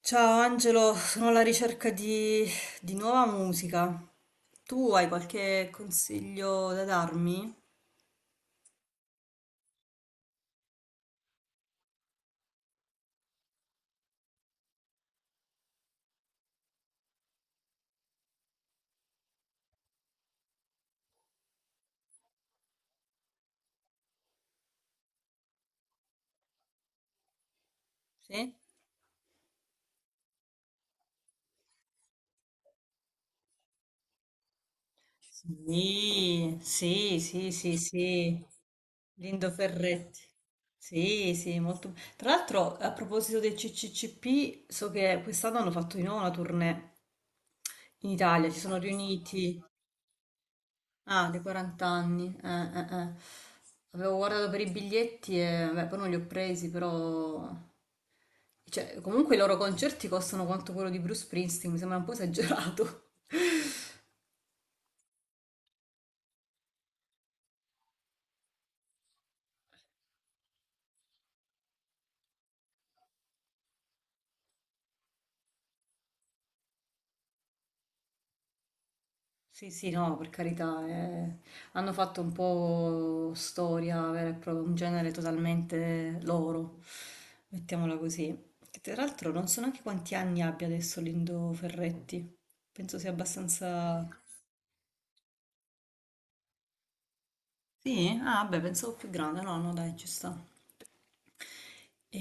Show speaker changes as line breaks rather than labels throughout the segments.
Ciao Angelo, sono alla ricerca di nuova musica. Tu hai qualche consiglio da darmi? Sì? Sì, sì, sì, sì, sì. Lindo Ferretti. Sì, sì, molto. Tra l'altro, a proposito del CCCP, so che quest'anno hanno fatto di nuovo una tournée in Italia, si sono riuniti. Ah, dei 40 anni. Eh. Avevo guardato per i biglietti e beh, poi non li ho presi, però, cioè, comunque i loro concerti costano quanto quello di Bruce Springsteen, mi sembra un po' esagerato. Sì, sì, no, per carità, eh. Hanno fatto un po' storia, vera e propria, un genere totalmente loro, mettiamola così. Che tra l'altro non so neanche quanti anni abbia adesso Lindo Ferretti, penso sia abbastanza... Sì? Ah, beh, pensavo più grande, no, no, dai, ci sta. E...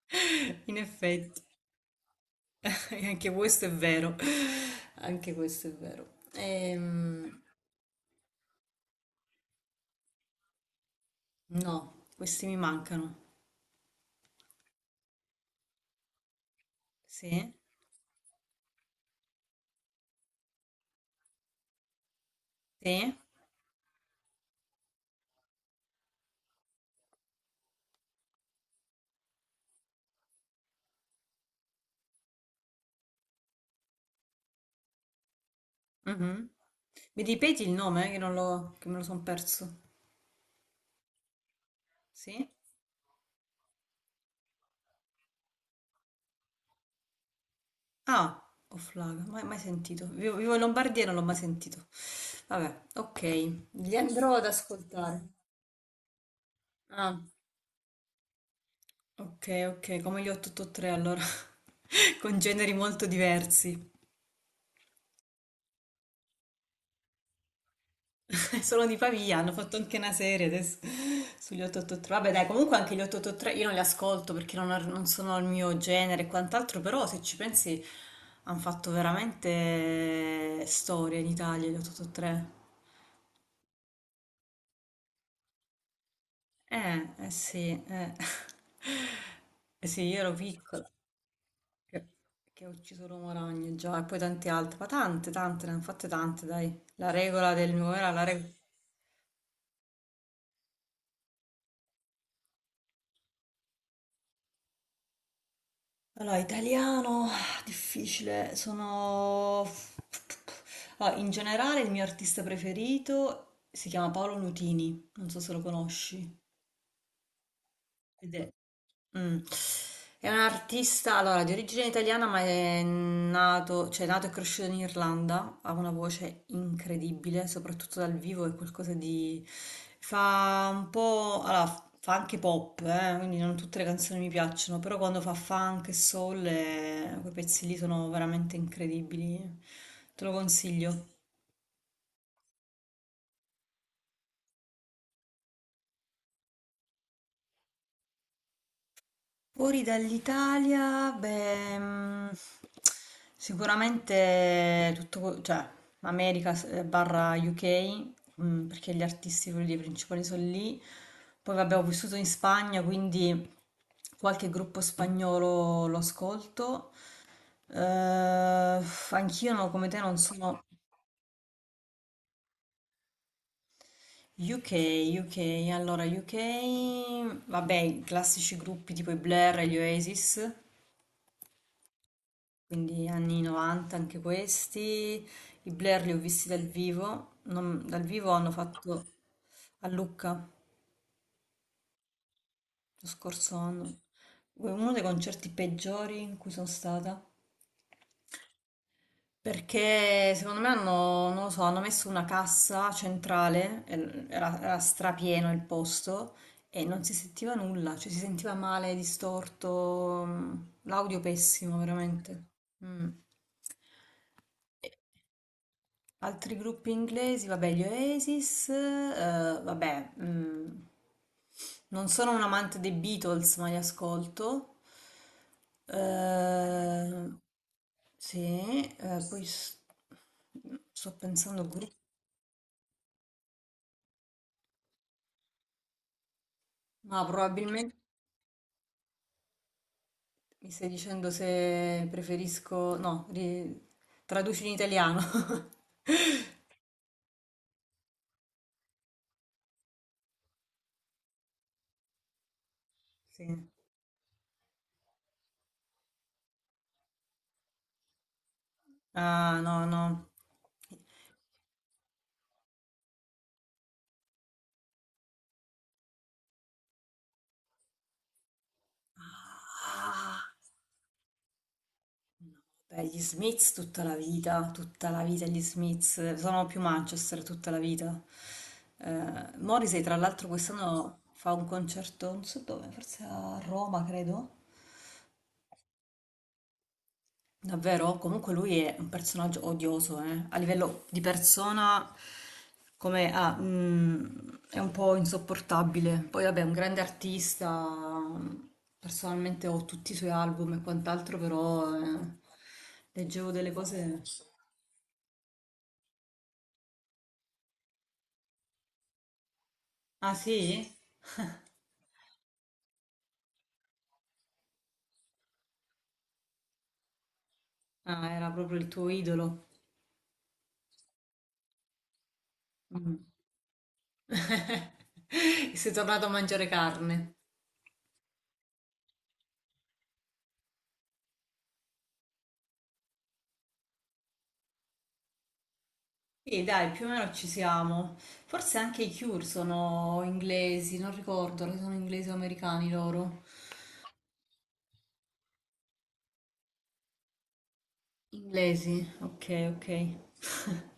In effetti. E anche questo è vero, anche questo è vero. No, questi mi mancano. Sì, sì. Mhm. Mi ripeti il nome, che non l'ho, che me lo sono perso. Sì? Ah, Oflaga, mai, mai sentito. Vivo in Lombardia e non l'ho mai sentito. Vabbè, ok, li andrò ad ascoltare. Ah, ok, ok, come gli 883 allora, con generi molto diversi. Sono di Pavia, hanno fatto anche una serie adesso sugli 883. Vabbè, dai, comunque anche gli 883 io non li ascolto perché non sono il mio genere e quant'altro, però se ci pensi hanno fatto veramente storia in Italia gli 883. Eh sì, eh. Eh sì, io ero piccola che, che ho ucciso l'uomo ragno già e poi tante altre, ma tante, tante, ne hanno fatte tante, dai. La regola del mio era la regola. Allora, italiano, difficile, sono... Allora, in generale il mio artista preferito si chiama Paolo Nutini, non so se lo conosci. Ed è... Mm. È un artista, allora, di origine italiana, ma è nato, cioè, è nato e cresciuto in Irlanda, ha una voce incredibile, soprattutto dal vivo, è qualcosa di... Fa un po'... Allora, fa anche pop, quindi non tutte le canzoni mi piacciono, però quando fa funk e soul, quei pezzi lì sono veramente incredibili, te lo consiglio. Fuori dall'Italia, beh, sicuramente tutto, cioè, America barra UK, perché gli artisti quelli principali sono lì. Poi vabbè, ho vissuto in Spagna, quindi qualche gruppo spagnolo lo ascolto. Eh, anch'io no, come te non sono. UK, UK, allora UK, vabbè, i classici gruppi tipo i Blur e gli Oasis. Quindi anni 90 anche questi, i Blair li ho visti dal vivo, dal vivo hanno fatto a Lucca lo scorso anno, uno dei concerti peggiori in cui sono stata, perché secondo me hanno, non lo so, hanno messo una cassa centrale, e era strapieno il posto e non si sentiva nulla, cioè si sentiva male, distorto, l'audio pessimo veramente. Mm. Altri gruppi inglesi, vabbè, gli Oasis, vabbè, non sono un amante dei Beatles, ma li ascolto. Eh, sì, poi sto pensando gruppi, ma probabilmente mi stai dicendo se preferisco, no, traduci in italiano. Sì. Ah, no, no. Ah. No, beh, gli Smiths tutta la vita gli Smiths, sono più Manchester tutta la vita. Morrissey tra l'altro quest'anno fa un concerto, non so dove, forse a Roma credo. Davvero? Comunque lui è un personaggio odioso, eh. A livello di persona come, è un po' insopportabile. Poi vabbè, è un grande artista, personalmente ho tutti i suoi album e quant'altro, però leggevo delle cose... Ah sì? Ah, era proprio il tuo idolo. Mm. Sei tornato a mangiare carne. Sì, dai, più o meno ci siamo. Forse anche i Cure sono inglesi, non ricordo, se sono inglesi o americani loro. Inglesi, ok, ok.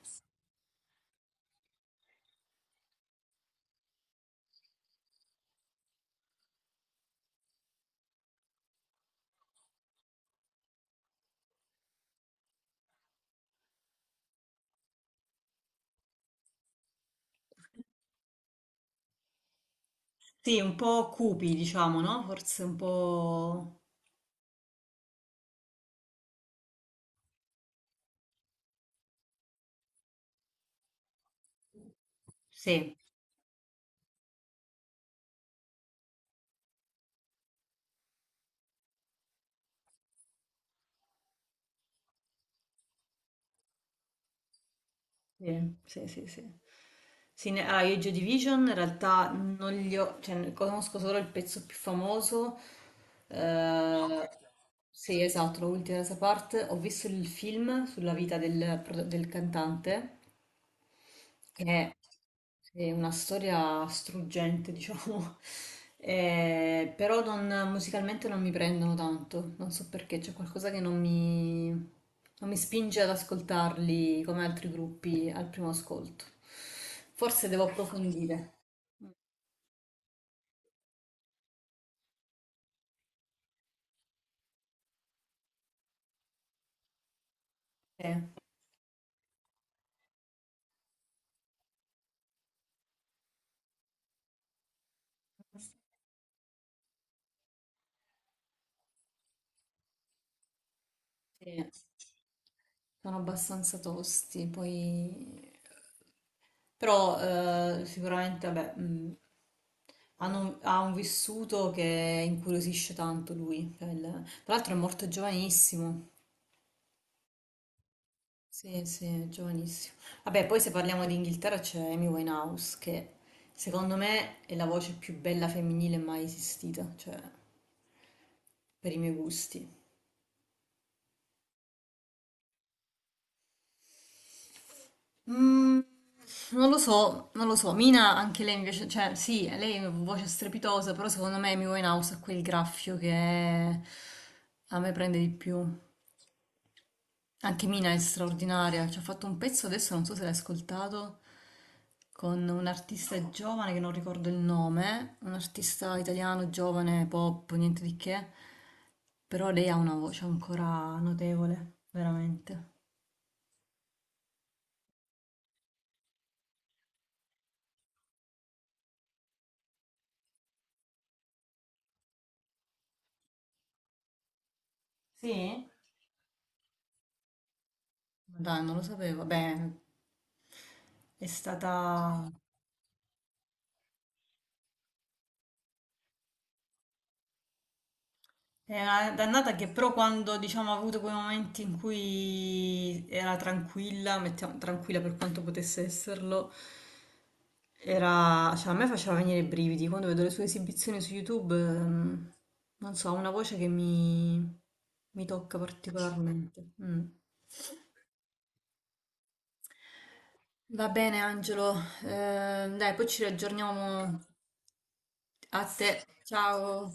Sì, un po' cupi, diciamo, no? Forse un po'... Sì. Sì, sì, sì, sì. Sì, allora, io i Joy Division in realtà non li ho, cioè ne conosco solo il pezzo più famoso. Eh, sì, esatto, l'ultima parte. Ho visto il film sulla vita del cantante. È, è una storia struggente, diciamo. Però musicalmente non mi prendono tanto, non so perché, c'è qualcosa che non mi spinge ad ascoltarli come altri gruppi al primo ascolto. Forse devo approfondire. Eh, sì, sono abbastanza tosti, poi. Però sicuramente vabbè, ha un vissuto che incuriosisce tanto lui. Cioè, tra l'altro è morto giovanissimo. Sì, sì, è giovanissimo. Vabbè, poi se parliamo di Inghilterra c'è Amy Winehouse, che secondo me è la voce più bella femminile mai esistita, cioè per i miei gusti. Mm, non lo so, non lo so. Mina anche lei invece, cioè sì, lei ha una voce strepitosa, però secondo me Amy Winehouse ha quel graffio che a me prende di più. Anche Mina è straordinaria, ci ha fatto un pezzo adesso, non so se l'hai ascoltato, con un artista giovane che non ricordo il nome, un artista italiano giovane, pop, niente di che, però lei ha una voce ancora notevole, veramente. Sì? Ma dai, non lo sapevo. Beh, è stata... È una dannata che però quando, diciamo, ha avuto quei momenti in cui era tranquilla, mettiamo tranquilla per quanto potesse esserlo, era... Cioè, a me faceva venire i brividi. Quando vedo le sue esibizioni su YouTube, non so, ha una voce che mi tocca particolarmente. Mm. Va bene, Angelo. Eh, dai, poi ci riaggiorniamo a te. Ciao.